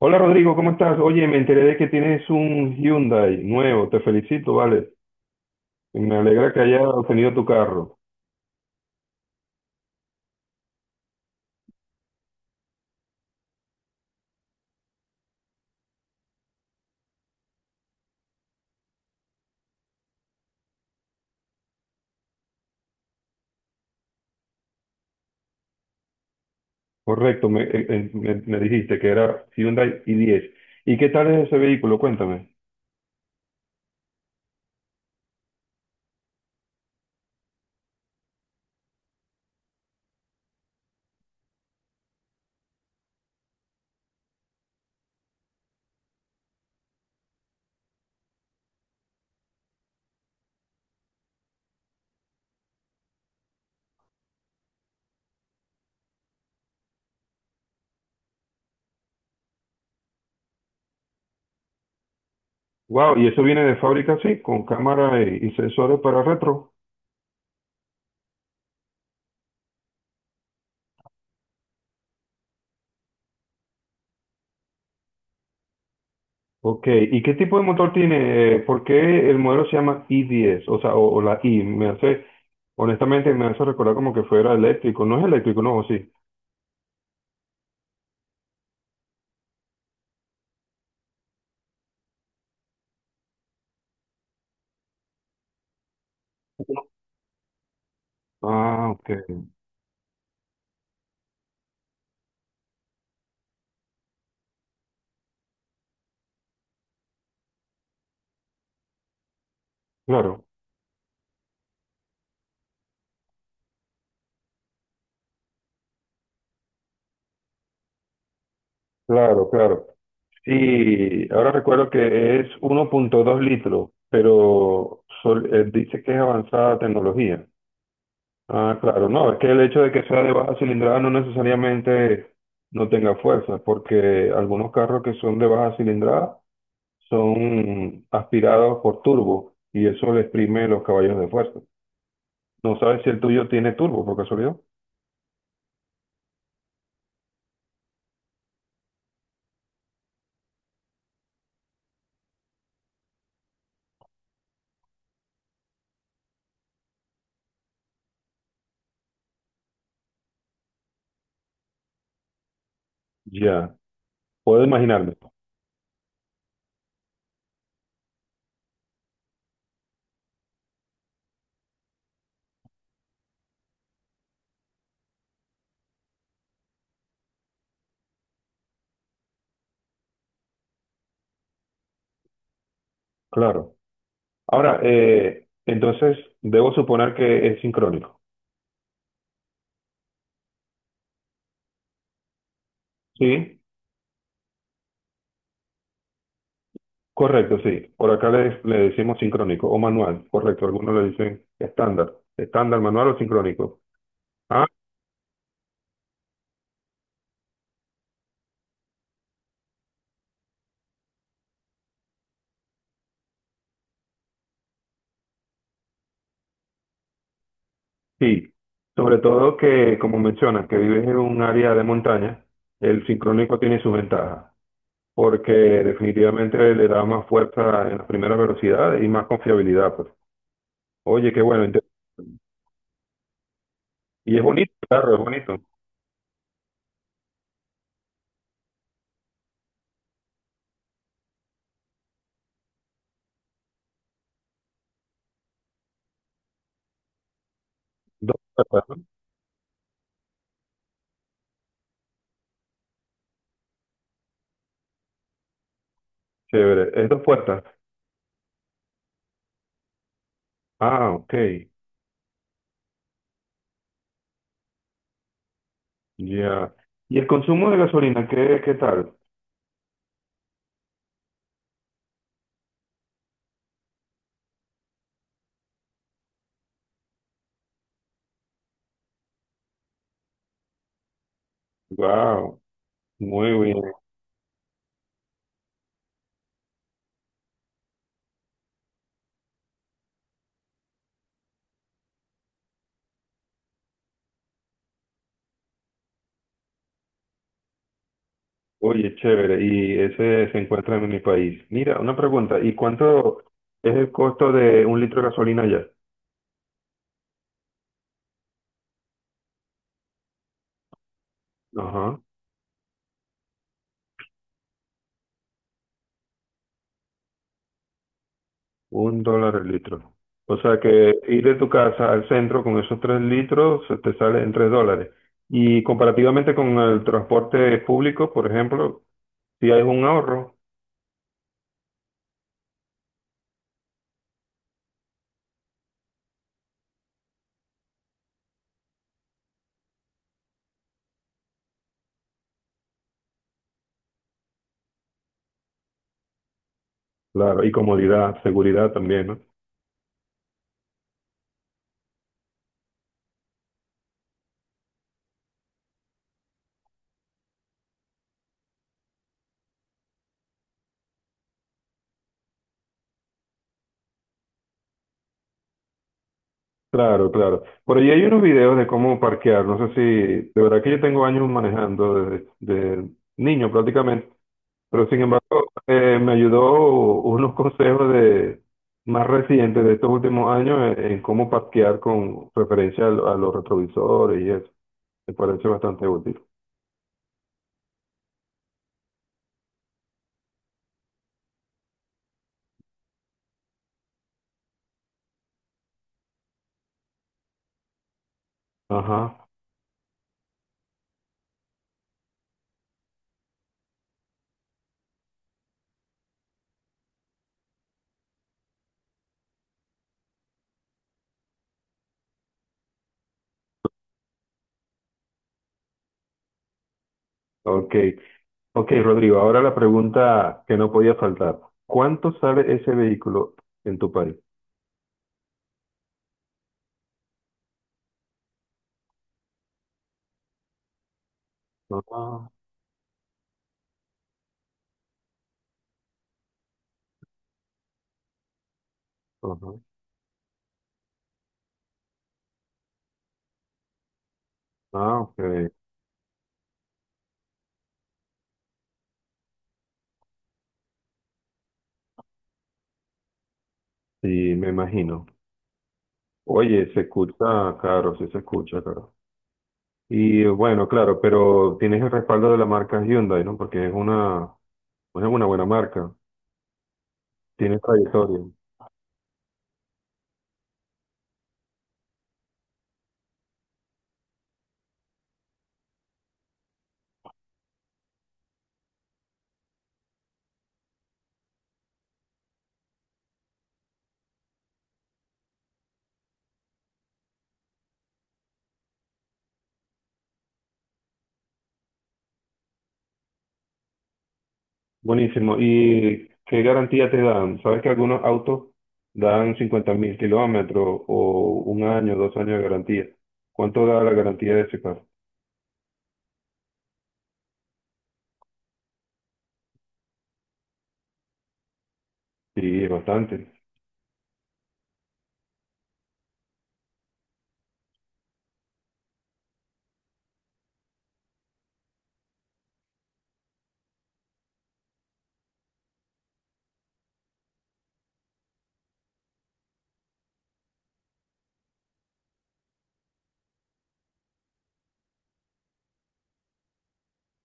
Hola Rodrigo, ¿cómo estás? Oye, me enteré de que tienes un Hyundai nuevo, te felicito, vale. Me alegra que haya obtenido tu carro. Correcto, me dijiste que era Hyundai i10. ¿Y qué tal es ese vehículo? Cuéntame. Wow, y eso viene de fábrica, sí, con cámara y sensores para retro. Ok, ¿y qué tipo de motor tiene? ¿Por qué el modelo se llama i10? O sea, o la i, honestamente me hace recordar como que fuera eléctrico. No es eléctrico, no, ¿o sí? Ah, ok, claro. Claro, claro. Sí, ahora recuerdo que es 1.2 litros, pero dice que es avanzada tecnología. Ah, claro, no, es que el hecho de que sea de baja cilindrada no necesariamente no tenga fuerza, porque algunos carros que son de baja cilindrada son aspirados por turbo y eso le exprime los caballos de fuerza. No sabes si el tuyo tiene turbo, por casualidad. Ya, puedo imaginarme, claro. Ahora, entonces, debo suponer que es sincrónico. Sí. Correcto, sí. Por acá le decimos sincrónico o manual. Correcto, algunos le dicen estándar. Estándar, manual o sincrónico. Ah, sí. Sobre todo que, como mencionas, que vives en un área de montaña, el sincrónico tiene sus ventajas, porque definitivamente le da más fuerza en las primeras velocidades y más confiabilidad, pues. Oye, qué bueno. Y es bonito, claro, es bonito. Dos puertas, ¿no? Chévere. Es dos puertas. Ah, ok. Ya. ¿Y el consumo de gasolina, qué tal? Wow. Muy bien. Oye, chévere. Y ese se encuentra en mi país. Mira, una pregunta. ¿Y cuánto es el costo de un litro de gasolina allá? Ajá. Un dólar el litro. O sea que ir de tu casa al centro con esos tres litros se te sale en tres dólares. Y comparativamente con el transporte público, por ejemplo, si hay un ahorro. Claro. Y comodidad, seguridad también, ¿no? Claro, claro. Por allí hay unos videos de cómo parquear. No sé si, de verdad que yo tengo años manejando desde niño prácticamente, pero sin embargo me ayudó unos consejos de más recientes de estos últimos años en cómo parquear con referencia a, a los retrovisores y eso. Me parece bastante útil. Ajá. Ok. Ok, Rodrigo. Ahora la pregunta que no podía faltar. ¿Cuánto sale ese vehículo en tu país? Ah, ajá. Ah, ok. Sí, me imagino. Oye, se escucha caro, sí se escucha caro. Y bueno, claro, pero tienes el respaldo de la marca Hyundai, ¿no? Porque es una, pues es una buena marca, tiene trayectoria. Buenísimo. ¿Y qué garantía te dan? ¿Sabes que algunos autos dan 50.000 kilómetros o un año, dos años de garantía? ¿Cuánto da la garantía de ese carro? Sí, bastante.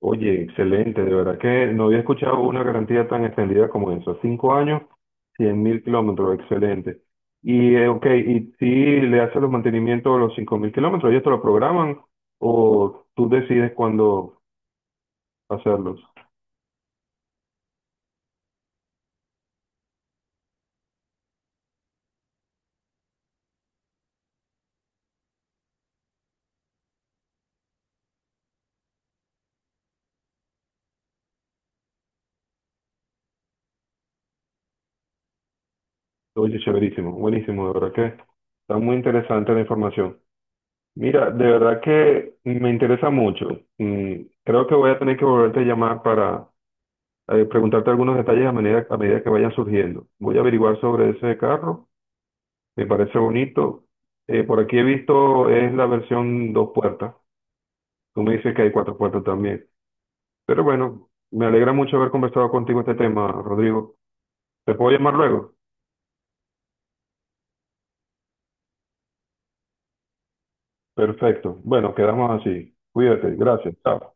Oye, excelente, de verdad que no había escuchado una garantía tan extendida como eso. Cinco años, 100.000 kilómetros, excelente. Y, ok, y si le haces los mantenimientos a los 5.000 kilómetros, ¿ellos te lo programan o tú decides cuándo hacerlos? Oye, chéverísimo, buenísimo, de verdad que está muy interesante la información. Mira, de verdad que me interesa mucho. Mm, creo que voy a tener que volverte a llamar para preguntarte algunos detalles a medida que vayan surgiendo. Voy a averiguar sobre ese carro, me parece bonito. Por aquí he visto, es la versión dos puertas. Tú me dices que hay cuatro puertas también. Pero bueno, me alegra mucho haber conversado contigo este tema, Rodrigo. ¿Te puedo llamar luego? Perfecto. Bueno, quedamos así. Cuídate. Gracias. Chao.